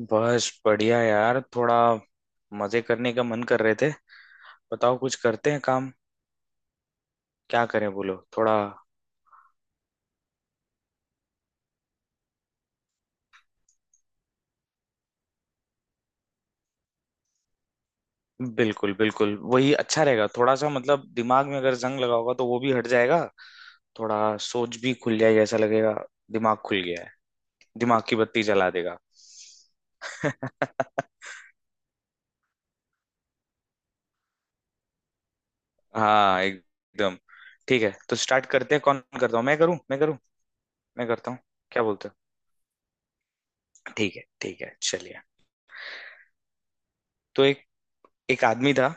बस बढ़िया यार। थोड़ा मजे करने का मन कर रहे थे। बताओ, कुछ करते हैं काम। क्या करें, बोलो। थोड़ा बिल्कुल बिल्कुल, वही अच्छा रहेगा। थोड़ा सा मतलब, दिमाग में अगर जंग लगा होगा तो वो भी हट जाएगा। थोड़ा सोच भी खुल जाएगी, ऐसा लगेगा। दिमाग खुल गया है। दिमाग की बत्ती जला देगा। हाँ, एकदम। ठीक है, तो स्टार्ट करते हैं। कौन करता हूँ, मैं करूँ मैं करूँ? मैं करता हूँ। क्या बोलते हो? ठीक है ठीक है, चलिए। तो एक एक आदमी था,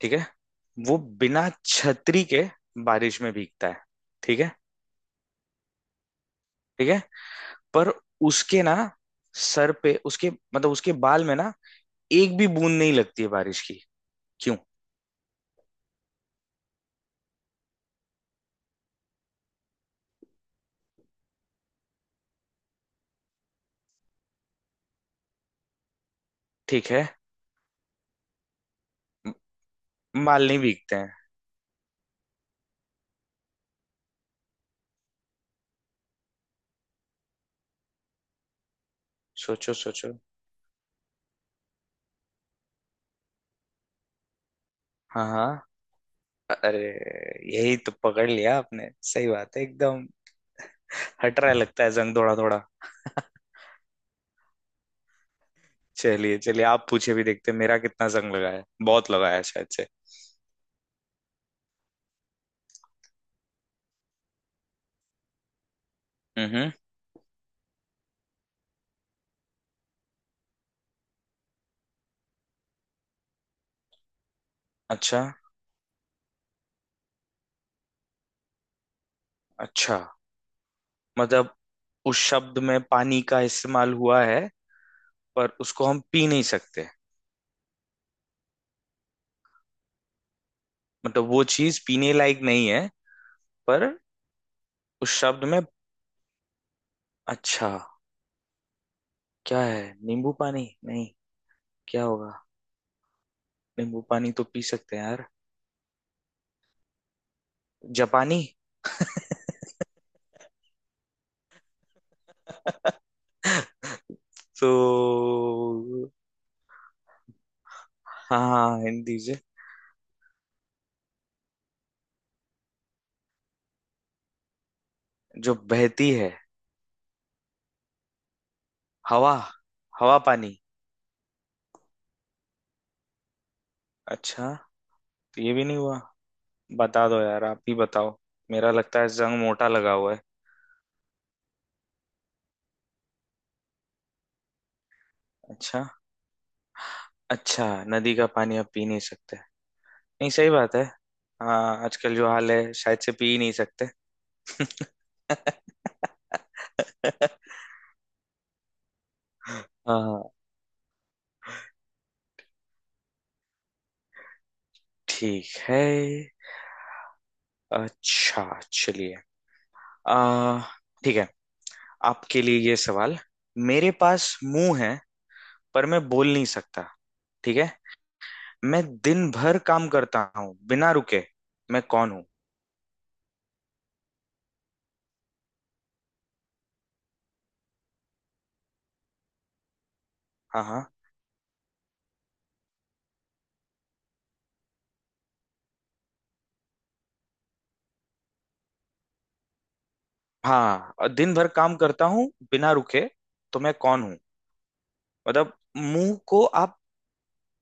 ठीक है? वो बिना छतरी के बारिश में भीगता है। ठीक है? ठीक है। पर उसके ना, सर पे, उसके मतलब उसके बाल में ना, एक भी बूंद नहीं लगती है बारिश की। क्यों? ठीक है। म- बाल नहीं भीगते हैं। सोचो सोचो। हाँ हाँ। अरे यही तो पकड़ लिया आपने, सही बात है एकदम। हट रहा है लगता है जंग थोड़ा थोड़ा। चलिए चलिए, आप पूछे भी, देखते हैं मेरा कितना जंग लगा है। बहुत लगा है शायद से। हम्म हम्म। अच्छा अच्छा। मतलब उस शब्द में पानी का इस्तेमाल हुआ है। पर उसको हम पी नहीं सकते। मतलब वो चीज पीने लायक नहीं है, पर उस शब्द में। अच्छा। क्या है? नींबू पानी? नहीं, क्या होगा? नींबू पानी तो पी सकते हैं यार। जापानी? तो हाँ, हिंदी से। जो बहती है। हवा? हवा पानी? अच्छा तो ये भी नहीं हुआ। बता दो यार, आप ही बताओ। मेरा लगता है जंग मोटा लगा हुआ है। अच्छा अच्छा, नदी का पानी आप पी नहीं सकते। नहीं सही बात है, हाँ आजकल जो हाल है शायद से पी ही नहीं सकते। हाँ। ठीक है। अच्छा, चलिए। आ, ठीक है, आपके लिए ये सवाल। मेरे पास मुंह है पर मैं बोल नहीं सकता, ठीक है? मैं दिन भर काम करता हूँ बिना रुके, मैं कौन हूँ? हाँ हाँ। हाँ, और दिन भर काम करता हूँ बिना रुके, तो मैं कौन हूँ? मतलब मुंह को आप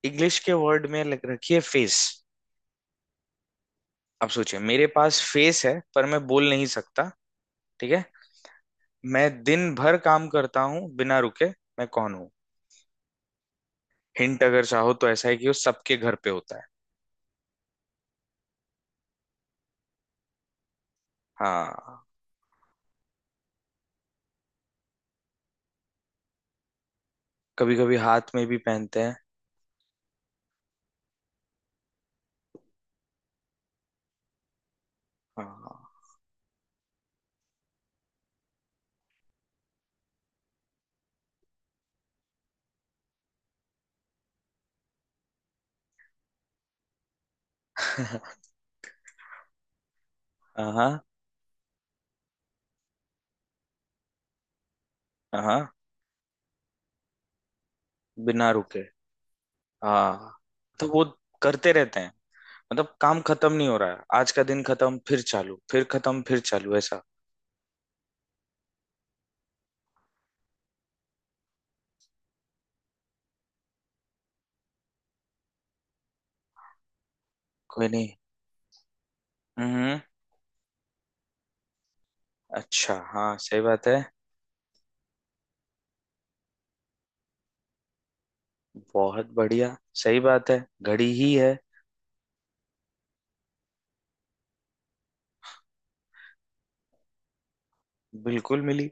इंग्लिश के वर्ड में लग रखिए फेस। आप सोचिए मेरे पास फेस है पर मैं बोल नहीं सकता, ठीक है? मैं दिन भर काम करता हूँ बिना रुके, मैं कौन हूँ? हिंट अगर चाहो तो ऐसा है कि वो सबके घर पे होता है। हाँ। कभी कभी हाथ में भी पहनते हैं। हाँ। हाँ हाँ। बिना रुके। हाँ, तो वो करते रहते हैं, मतलब काम खत्म नहीं हो रहा है, आज का दिन खत्म फिर चालू फिर खत्म फिर चालू, ऐसा। कोई नहीं। हम्म। अच्छा हाँ, सही बात है। बहुत बढ़िया, सही बात है, घड़ी ही है। बिल्कुल मिली।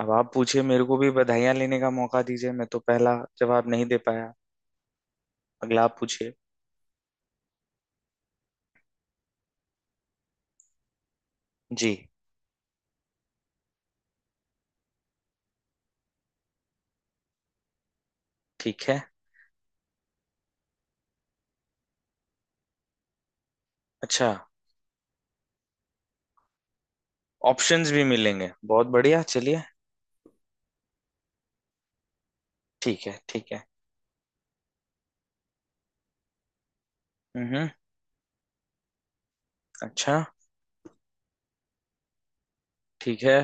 अब आप पूछिए, मेरे को भी बधाइयाँ लेने का मौका दीजिए, मैं तो पहला जवाब नहीं दे पाया। अगला आप पूछिए। जी। ठीक है। अच्छा। ऑप्शंस भी मिलेंगे, बहुत बढ़िया, चलिए। ठीक है ठीक है। हम्म। अच्छा। ठीक है।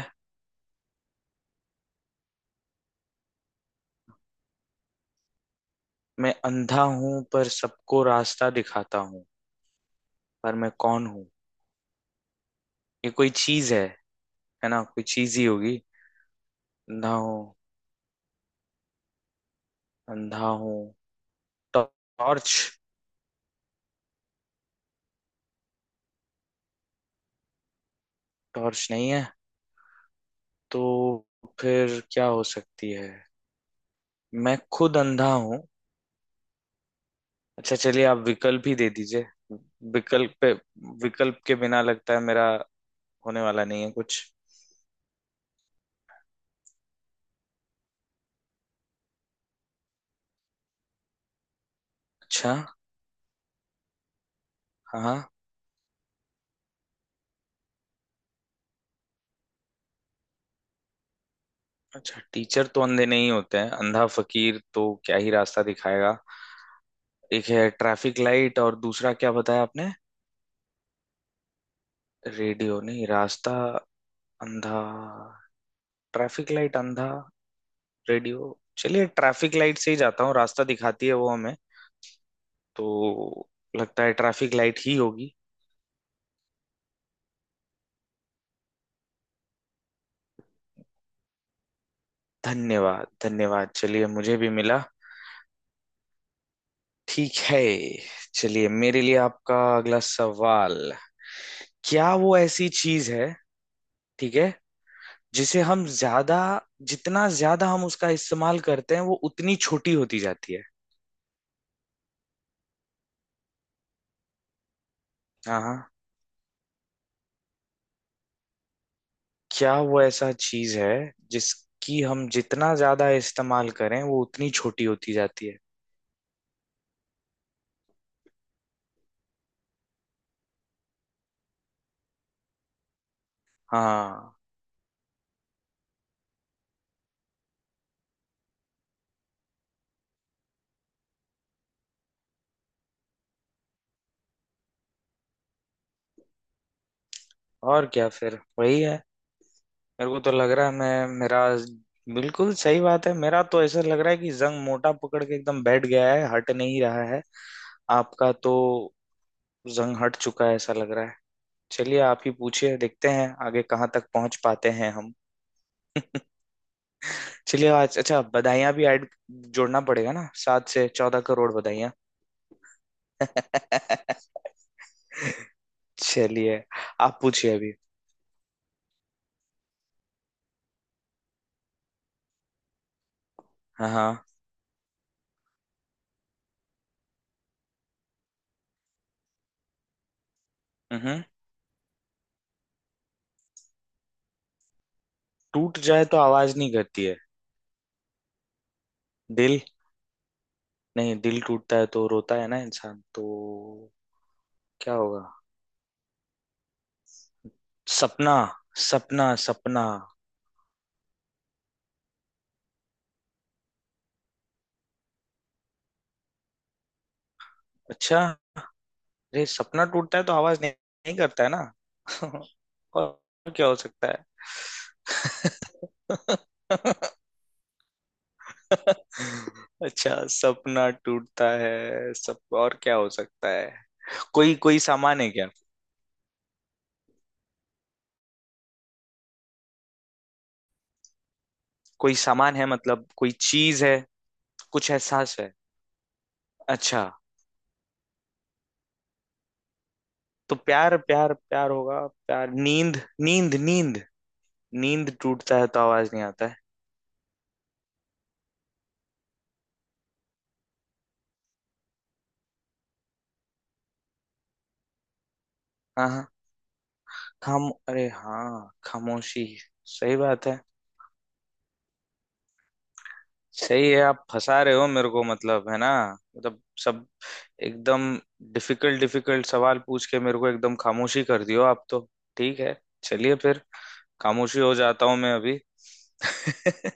मैं अंधा हूं पर सबको रास्ता दिखाता हूँ, पर मैं कौन हूँ? ये कोई चीज है ना? कोई चीज ही होगी। अंधा हूँ, अंधा हूँ। टॉर्च? टॉर्च नहीं है, तो फिर क्या हो सकती है? मैं खुद अंधा हूँ। अच्छा चलिए, आप विकल्प ही दे दीजिए। विकल्प पे, विकल्प के बिना लगता है मेरा होने वाला नहीं है कुछ। अच्छा। हाँ। अच्छा, टीचर तो अंधे नहीं होते हैं, अंधा फकीर तो क्या ही रास्ता दिखाएगा। एक है ट्रैफिक लाइट, और दूसरा क्या बताया आपने? रेडियो? नहीं, रास्ता, अंधा, ट्रैफिक लाइट, अंधा रेडियो। चलिए ट्रैफिक लाइट से ही जाता हूँ, रास्ता दिखाती है वो हमें, तो लगता है ट्रैफिक लाइट ही होगी। धन्यवाद धन्यवाद, चलिए मुझे भी मिला। ठीक है, चलिए मेरे लिए आपका अगला सवाल। क्या वो ऐसी चीज है, ठीक है, जिसे हम ज्यादा, जितना ज्यादा हम उसका इस्तेमाल करते हैं वो उतनी छोटी होती जाती है? हाँ हाँ। क्या वो ऐसा चीज है जिसकी हम जितना ज्यादा इस्तेमाल करें वो उतनी छोटी होती जाती है? हाँ। और क्या फिर वही है? मेरे को तो लग रहा है, मैं, मेरा। बिल्कुल सही बात है, मेरा तो ऐसा लग रहा है कि जंग मोटा पकड़ के एकदम बैठ गया है, हट नहीं रहा है। आपका तो जंग हट चुका है ऐसा लग रहा है। चलिए आप ही पूछिए, देखते हैं आगे कहाँ तक पहुंच पाते हैं हम। चलिए आज अच्छा, बधाइयाँ भी ऐड, जोड़ना पड़ेगा ना, 7 से 14 करोड़ बधाइयाँ। चलिए आप पूछिए अभी। हाँ हाँ। हम्म। टूट जाए तो आवाज नहीं करती है। दिल? नहीं, दिल टूटता है तो रोता है ना इंसान तो। क्या होगा? सपना सपना सपना। अच्छा, अरे सपना टूटता है तो आवाज नहीं, नहीं करता है ना। और क्या हो सकता है? अच्छा सपना टूटता है सब, और क्या हो सकता है? कोई कोई सामान है क्या? कोई सामान है मतलब कोई चीज है? कुछ एहसास है? अच्छा। तो प्यार प्यार प्यार होगा, प्यार, नींद नींद नींद, नींद टूटता है तो आवाज नहीं आता है। हाँ हाँ। खाम, अरे हाँ खामोशी, सही बात है। सही है, आप फंसा रहे हो मेरे को मतलब, है ना? मतलब सब एकदम डिफिकल्ट डिफिकल्ट सवाल पूछ के मेरे को एकदम खामोशी कर दियो आप तो। ठीक है, चलिए फिर। खामोशी हो जाता हूँ मैं अभी।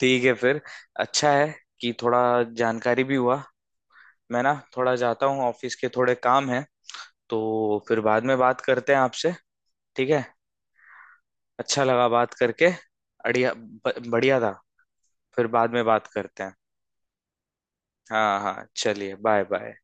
ठीक है फिर, अच्छा है कि थोड़ा जानकारी भी हुआ। मैं ना थोड़ा जाता हूँ, ऑफिस के थोड़े काम है, तो फिर बाद में बात करते हैं आपसे। ठीक है, अच्छा लगा बात करके। अड़िया, बढ़िया था। फिर बाद में बात करते हैं। हाँ हाँ, चलिए, बाय बाय।